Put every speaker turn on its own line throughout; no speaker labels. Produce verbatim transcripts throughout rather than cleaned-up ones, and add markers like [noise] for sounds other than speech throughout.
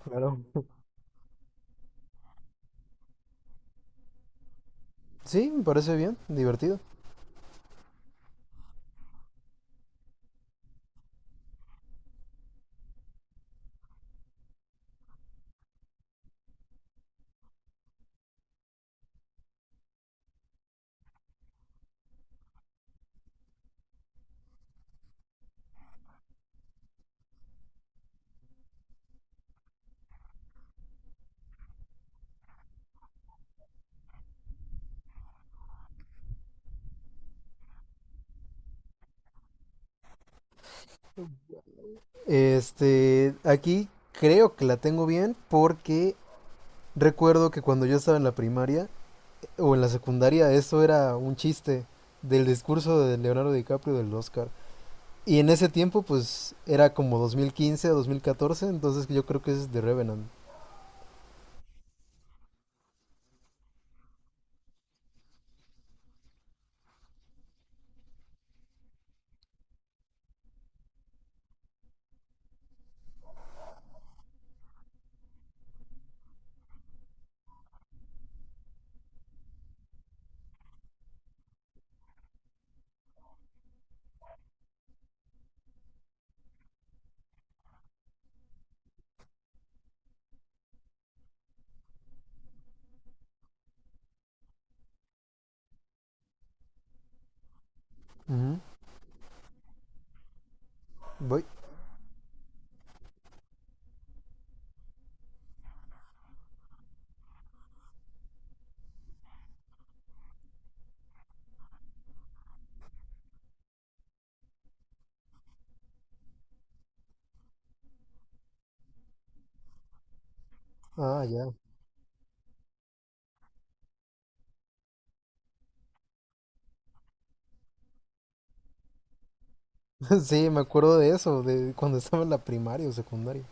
Claro. [laughs] Sí, me parece bien, divertido. Este, aquí creo que la tengo bien porque recuerdo que cuando yo estaba en la primaria o en la secundaria, eso era un chiste del discurso de Leonardo DiCaprio del Oscar. Y en ese tiempo, pues, era como dos mil quince o dos mil catorce, entonces yo creo que es The Revenant. Ujú. Voy. Ah, ya. [laughs] Sí, me acuerdo de eso, de cuando estaba en la primaria o secundaria.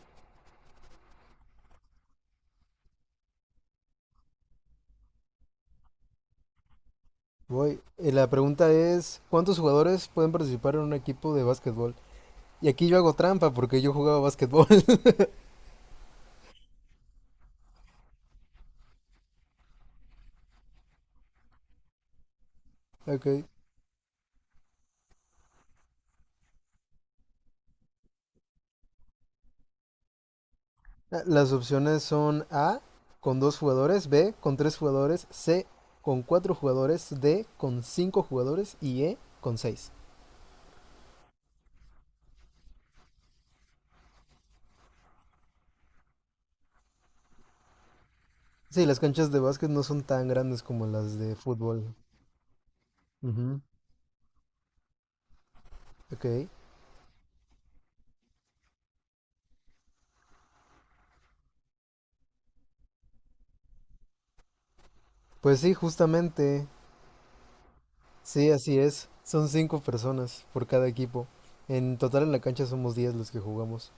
Voy. Eh, la pregunta es, ¿cuántos jugadores pueden participar en un equipo de básquetbol? Y aquí yo hago trampa porque yo jugaba básquetbol. [laughs] Ok. Las opciones son A con dos jugadores, B con tres jugadores, C con cuatro jugadores, D con cinco jugadores y E con seis. Sí, las canchas de básquet no son tan grandes como las de fútbol. Ujú. Ok. Pues sí, justamente. Sí, así es. Son cinco personas por cada equipo. En total en la cancha somos diez los que jugamos.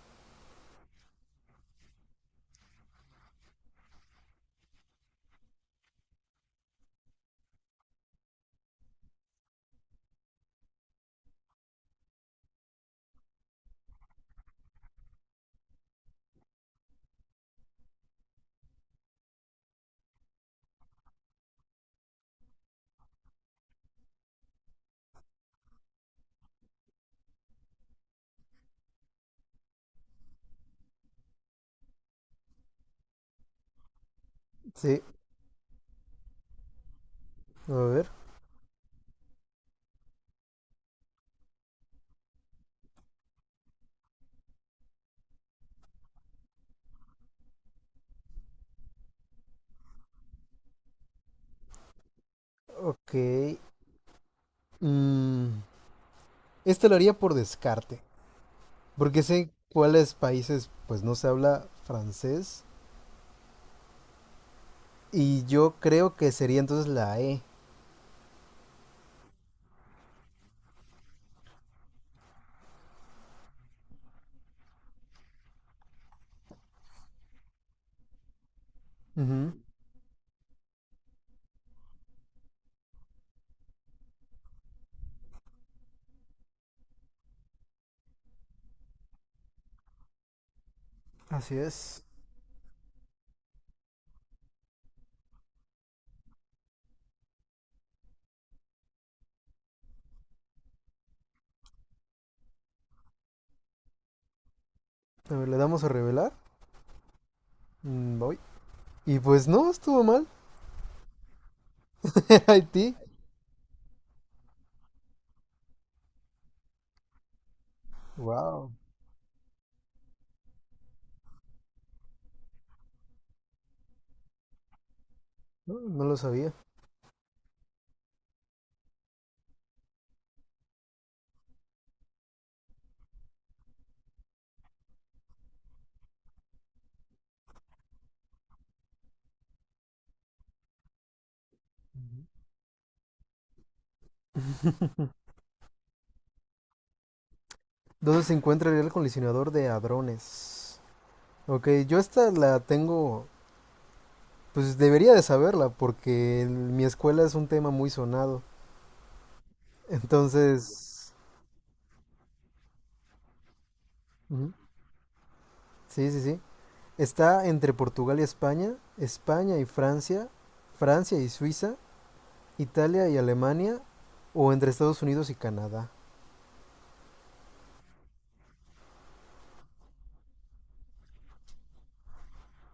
Sí, a ver. Ok. Mm, esta lo haría por descarte. Porque sé en cuáles países pues no se habla francés y yo creo que sería entonces la E. Ujú. Así es. A ver, le damos a revelar. Mm, voy. Y pues no, estuvo mal. [laughs] Era Haití. Wow. No, no lo sabía. ¿Dónde se encuentra el colisionador de hadrones? Ok, yo esta la tengo, pues debería de saberla porque en mi escuela es un tema muy sonado. Entonces... Ujú. Sí, sí, sí. Está entre Portugal y España, España y Francia, Francia y Suiza, Italia y Alemania, o entre Estados Unidos y Canadá.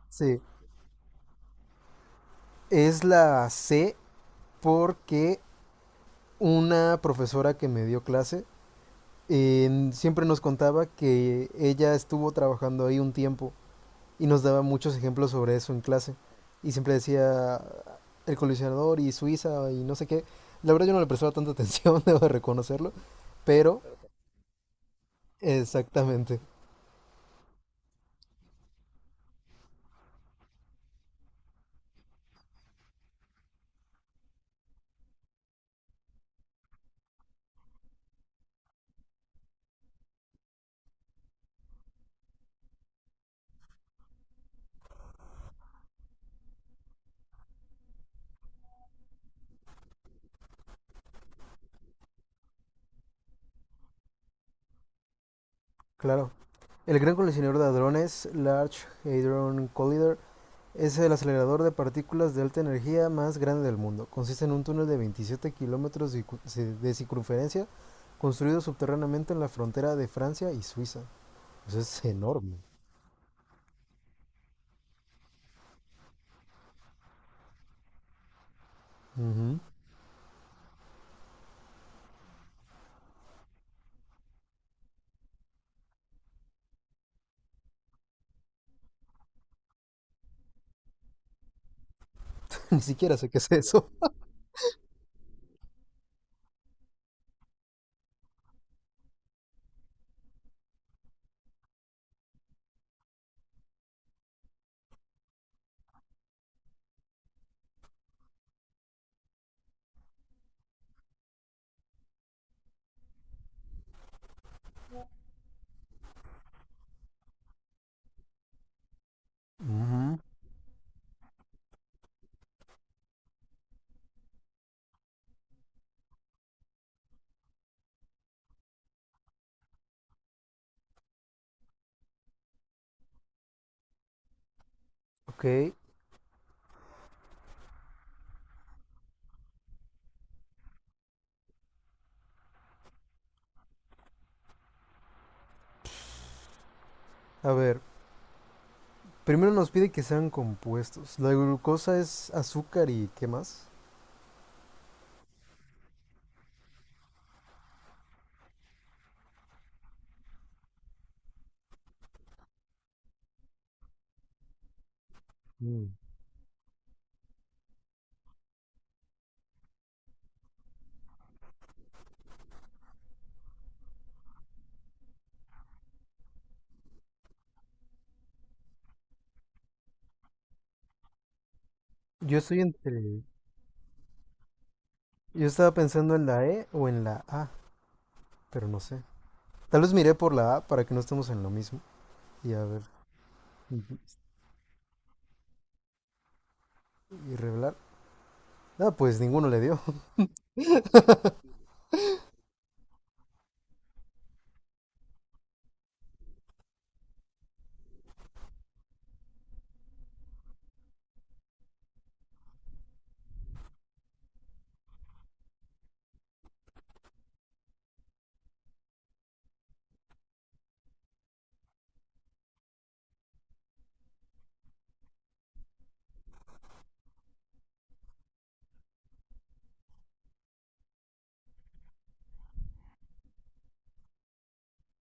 Sí, es la C porque una profesora que me dio clase eh, siempre nos contaba que ella estuvo trabajando ahí un tiempo y nos daba muchos ejemplos sobre eso en clase. Y siempre decía el colisionador y Suiza y no sé qué. La verdad yo no le prestaba tanta atención, [laughs] debo de reconocerlo, pero exactamente. Claro. El gran coleccionador de hadrones, Large Hadron Collider, es el acelerador de partículas de alta energía más grande del mundo. Consiste en un túnel de veintisiete kilómetros de circu- de circunferencia construido subterráneamente en la frontera de Francia y Suiza. Eso es enorme. Ujú. [laughs] Ni siquiera sé qué es eso. Ujú. Ok, a ver. Primero nos pide que sean compuestos. La glucosa es azúcar y ¿qué más? Mm. Yo estoy entre... Yo estaba pensando en la E o en la A. Pero no sé. Tal vez miré por la A para que no estemos en lo mismo. Y a ver, y revelar. Ah, pues ninguno le dio.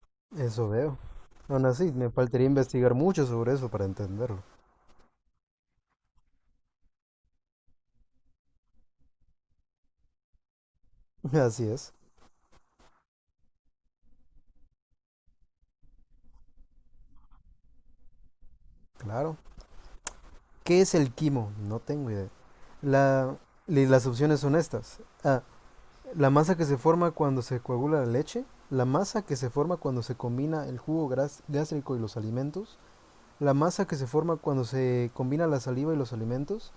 [laughs] Eso veo. Aún así, me faltaría investigar mucho sobre eso para entenderlo. [laughs] Así es, claro. ¿Qué es el quimo? No tengo idea. La, li- las opciones son estas. A. La masa que se forma cuando se coagula la leche. La masa que se forma cuando se combina el jugo gástrico y los alimentos. La masa que se forma cuando se combina la saliva y los alimentos.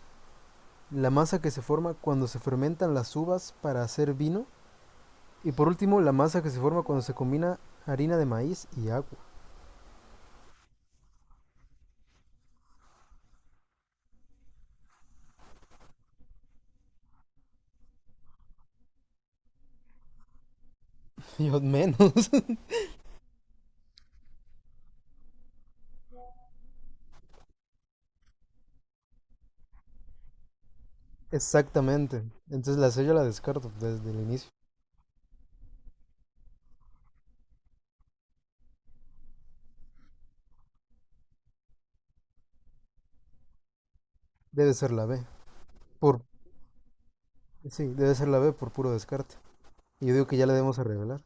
La masa que se forma cuando se fermentan las uvas para hacer vino, y por último la masa que se forma cuando se combina harina de maíz y agua. Dios menos. [laughs] Exactamente. Entonces la C yo la descarto desde el inicio. Debe ser la B. Por sí, debe ser la B por puro descarte. Y yo digo que ya la debemos a revelar.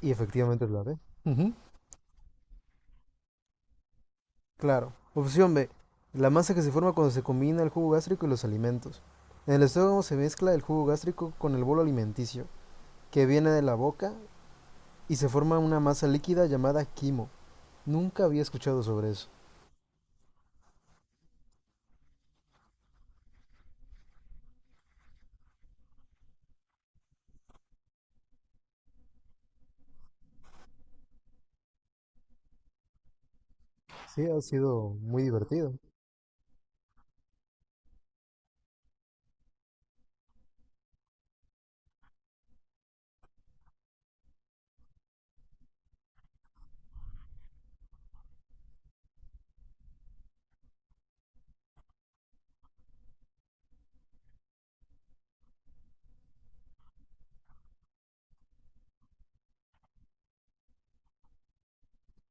Y efectivamente es la B. Ujú. Claro. Opción B. La masa que se forma cuando se combina el jugo gástrico y los alimentos. En el estómago se mezcla el jugo gástrico con el bolo alimenticio, que viene de la boca y se forma una masa líquida llamada quimo. Nunca había escuchado sobre eso. Sí, ha sido muy divertido.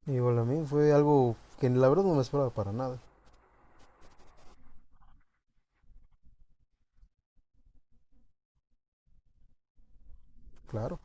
Y bueno, a mí fue algo que la verdad no me esperaba para nada. Claro.